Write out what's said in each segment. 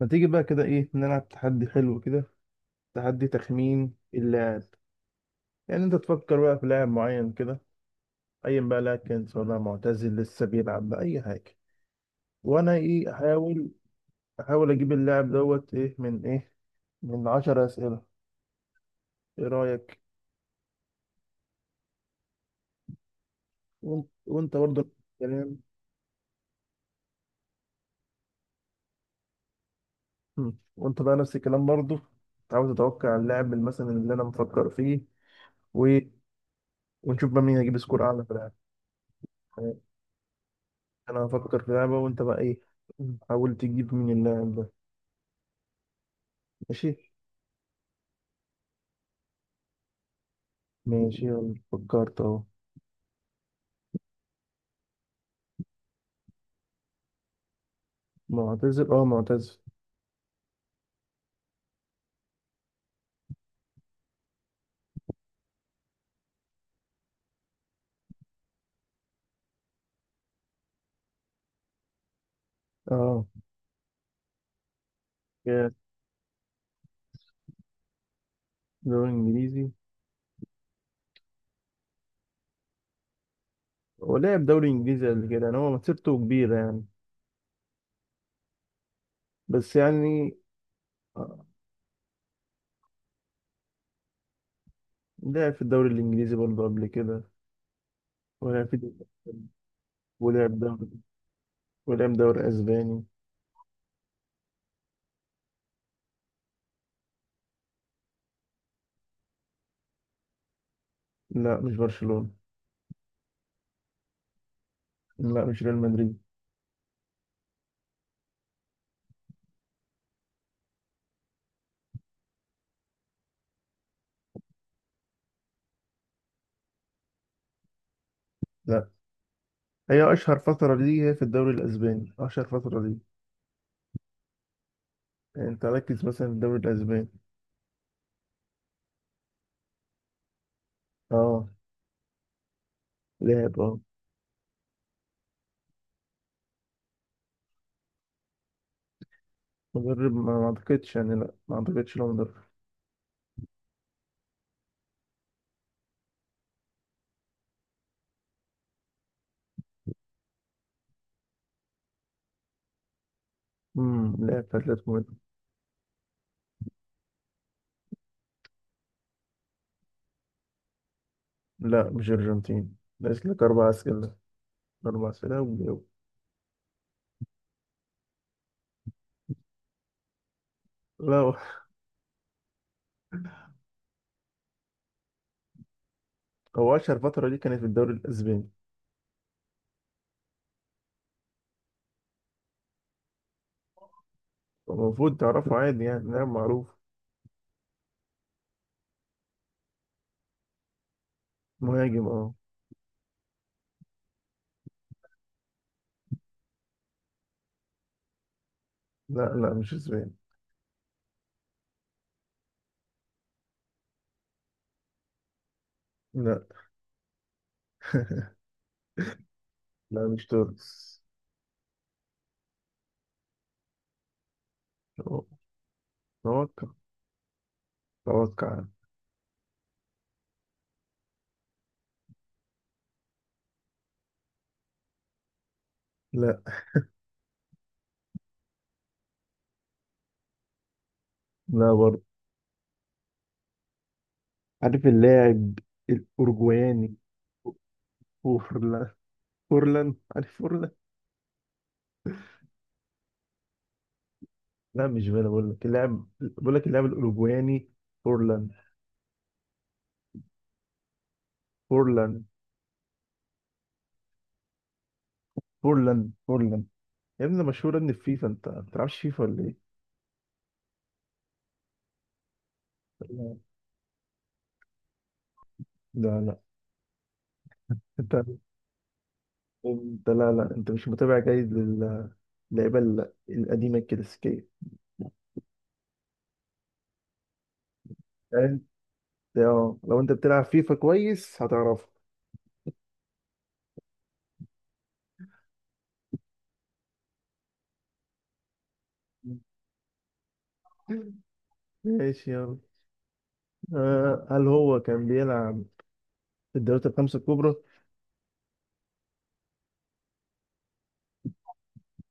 ما تيجي بقى كده ايه نلعب تحدي حلو كده، تحدي تخمين اللاعب. يعني انت تفكر بقى في لاعب معين كده، ايا بقى لاعب كان، سواء لاعب معتزل لسه بيلعب بقى اي حاجه، وانا ايه احاول اجيب اللاعب دوت ايه من ايه، من 10 اسئله. ايه رايك؟ وانت برضه نفس الكلام. مم. وانت بقى نفس الكلام برضه. عاوز تتوقع اللاعب مثلا اللي انا مفكر فيه و... ونشوف بقى مين هيجيب سكور اعلى في اللاعب. يعني انا هفكر في لعبه وانت بقى ايه، حاول تجيب مين اللاعب ده. ماشي. ماشي يلا فكرت اهو. معتزل اه معتزل. اه كان دوري انجليزي. هو لعب دوري انجليزي قبل كده، يعني هو مسيرته كبيرة يعني، بس يعني آه، لعب في الدوري الانجليزي برضه قبل كده. ولعب في ولعب دوري ولعب دوري اسباني. لا مش برشلونة. لا مش ريال مدريد. لا، هي اشهر فترة ليه هي في الدوري الاسباني، اشهر فترة ليه. يعني انت ركز مثلا في الدوري الاسباني. اه لعب اه. مدرب ما اعتقدش يعني، لا ما اعتقدش لو مدرب. لعب في اتلتيكو مدريد. لا مش ارجنتين، ناقص لك اربع اسئله. اربع اسئله وجاوب. لا هو. هو اشهر فتره دي كانت في الدوري الاسباني. المفروض تعرفه عادي، يعني لاعب معروف. مهاجم اه. لا لا مش اسباني. لا لا مش تونس. توقع. توقع. لا. لا برضه. عارف اللاعب الاوروجواني. فورلان. فورلان. عارف فورلان. لا مش فانا، بقول لك اللاعب، بقول لك اللاعب الاوروجواني. فورلان. فورلان. فورلان. فورلان. يا ابني مشهورة ان الفيفا، انت ما بتلعبش فيفا ولا ايه؟ لا. لا لا. انت. انت لا لا، انت مش متابع جيد للعيبة القديمة الكلاسيكية. انت. اه لو انت بتلعب فيفا كويس هتعرفه. ماشي يلا. هل هو كان بيلعب في الدوريات الخمسة الكبرى؟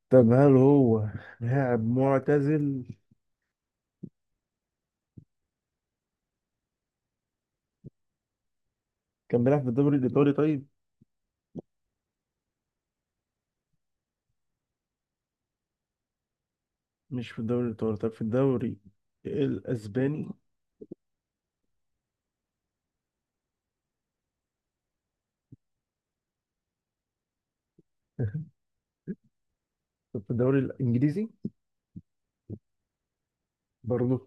طب هل هو لاعب معتزل؟ كان بيلعب في الدوري الإيطالي طيب؟ مش في الدوري الإيطالي، طب في الدوري الأسباني؟ طب في الدوري الإنجليزي؟ برضه.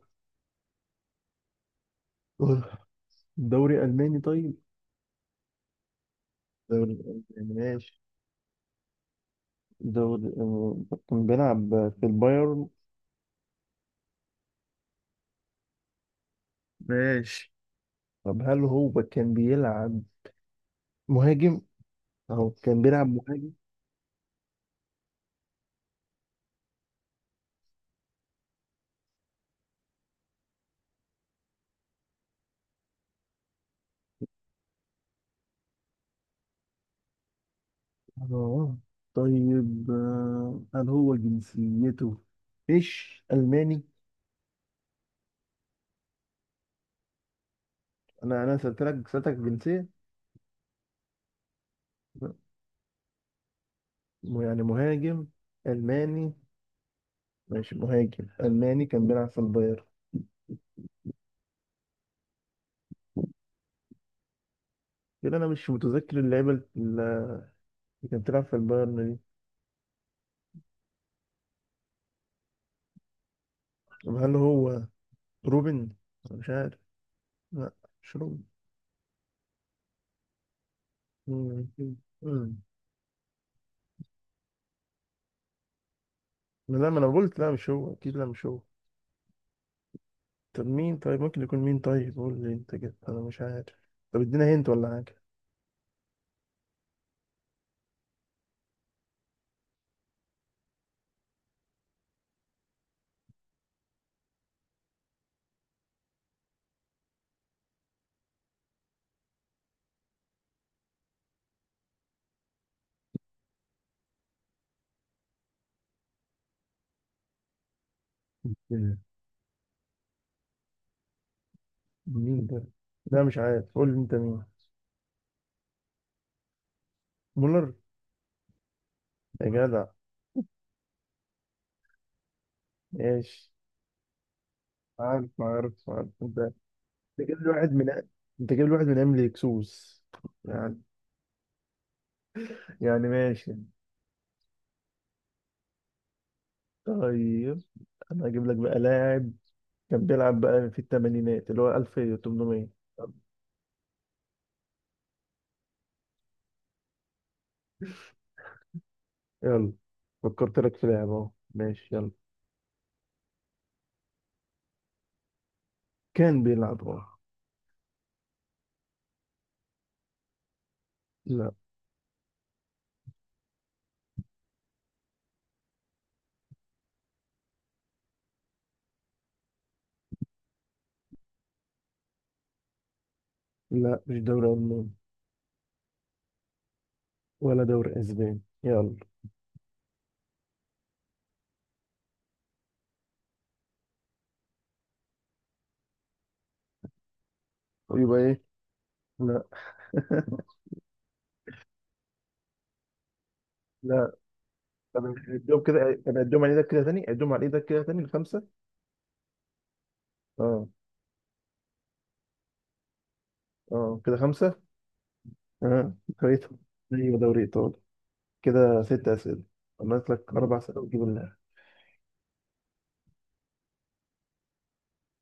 دوري ألماني طيب؟ الدوري الألماني ماشي. دوري كان بيلعب في البايرن. ماشي. طب هل هو كان بيلعب مهاجم، أو كان بيلعب مهاجم. اه. طيب هل هو جنسيته مش ألماني؟ أنا سألتلك سألتك جنسية. يعني مهاجم ألماني. ماشي مهاجم ألماني كان بيلعب في البايرن كده. أنا مش متذكر اللعيبة اللي كانت بتلعب في البايرن دي. طب هل هو روبن؟ أنا مش عارف. لا مش هو. مم، أكيد. مم. لا، ما انا قلت لا مش هو اكيد، لا مش هو. طب مين طيب، ممكن يكون مين طيب، قول لي انت كده، انا مش عارف. طب ادينا هنت ولا حاجه. مم. مين ده. لا مش عارف، قول لي انت مين. مولر. يا جدع. ماشي. عارف عارف عارف انت. انت جايب لي واحد من، انت جايب لي واحد من ايام اكسوس يعني. يعني ماشي. طيب انا هجيب لك بقى لاعب كان بيلعب بقى في الثمانينات اللي هو 1800. يلا فكرت لك في لعبة اهو، ماشي يلا. كان بيلعب اه. لا. لا مش دوري ألماني. ولا دوري أسباني يلا. يبقى ايه؟ لا. لا. طب اديهم كده، طب اديهم على ايدك كده تاني، اديهم على ايدك كده تاني الخمسة. اه. اه كده خمسة. اه. كويس. ايوه دوري ايطالي. كده ست اسئلة، عملت لك اربع اسئلة وتجيب اللاعب.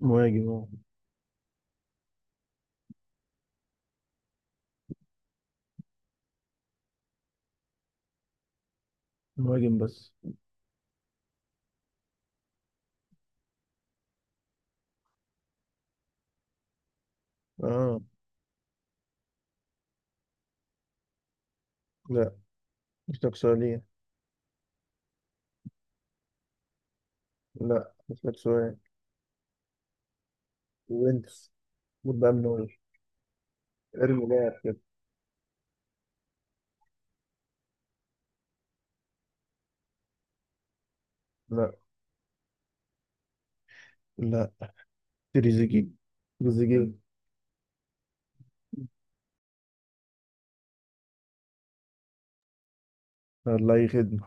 مهاجم اه. مهاجم بس. اه. لا مش لك سؤالين. لا مش لك سؤال. وينكس. المفروض بقى من اول ارمي لاعب كده. لا. لا. تريزيجي. تريزيجي. الله يخدم.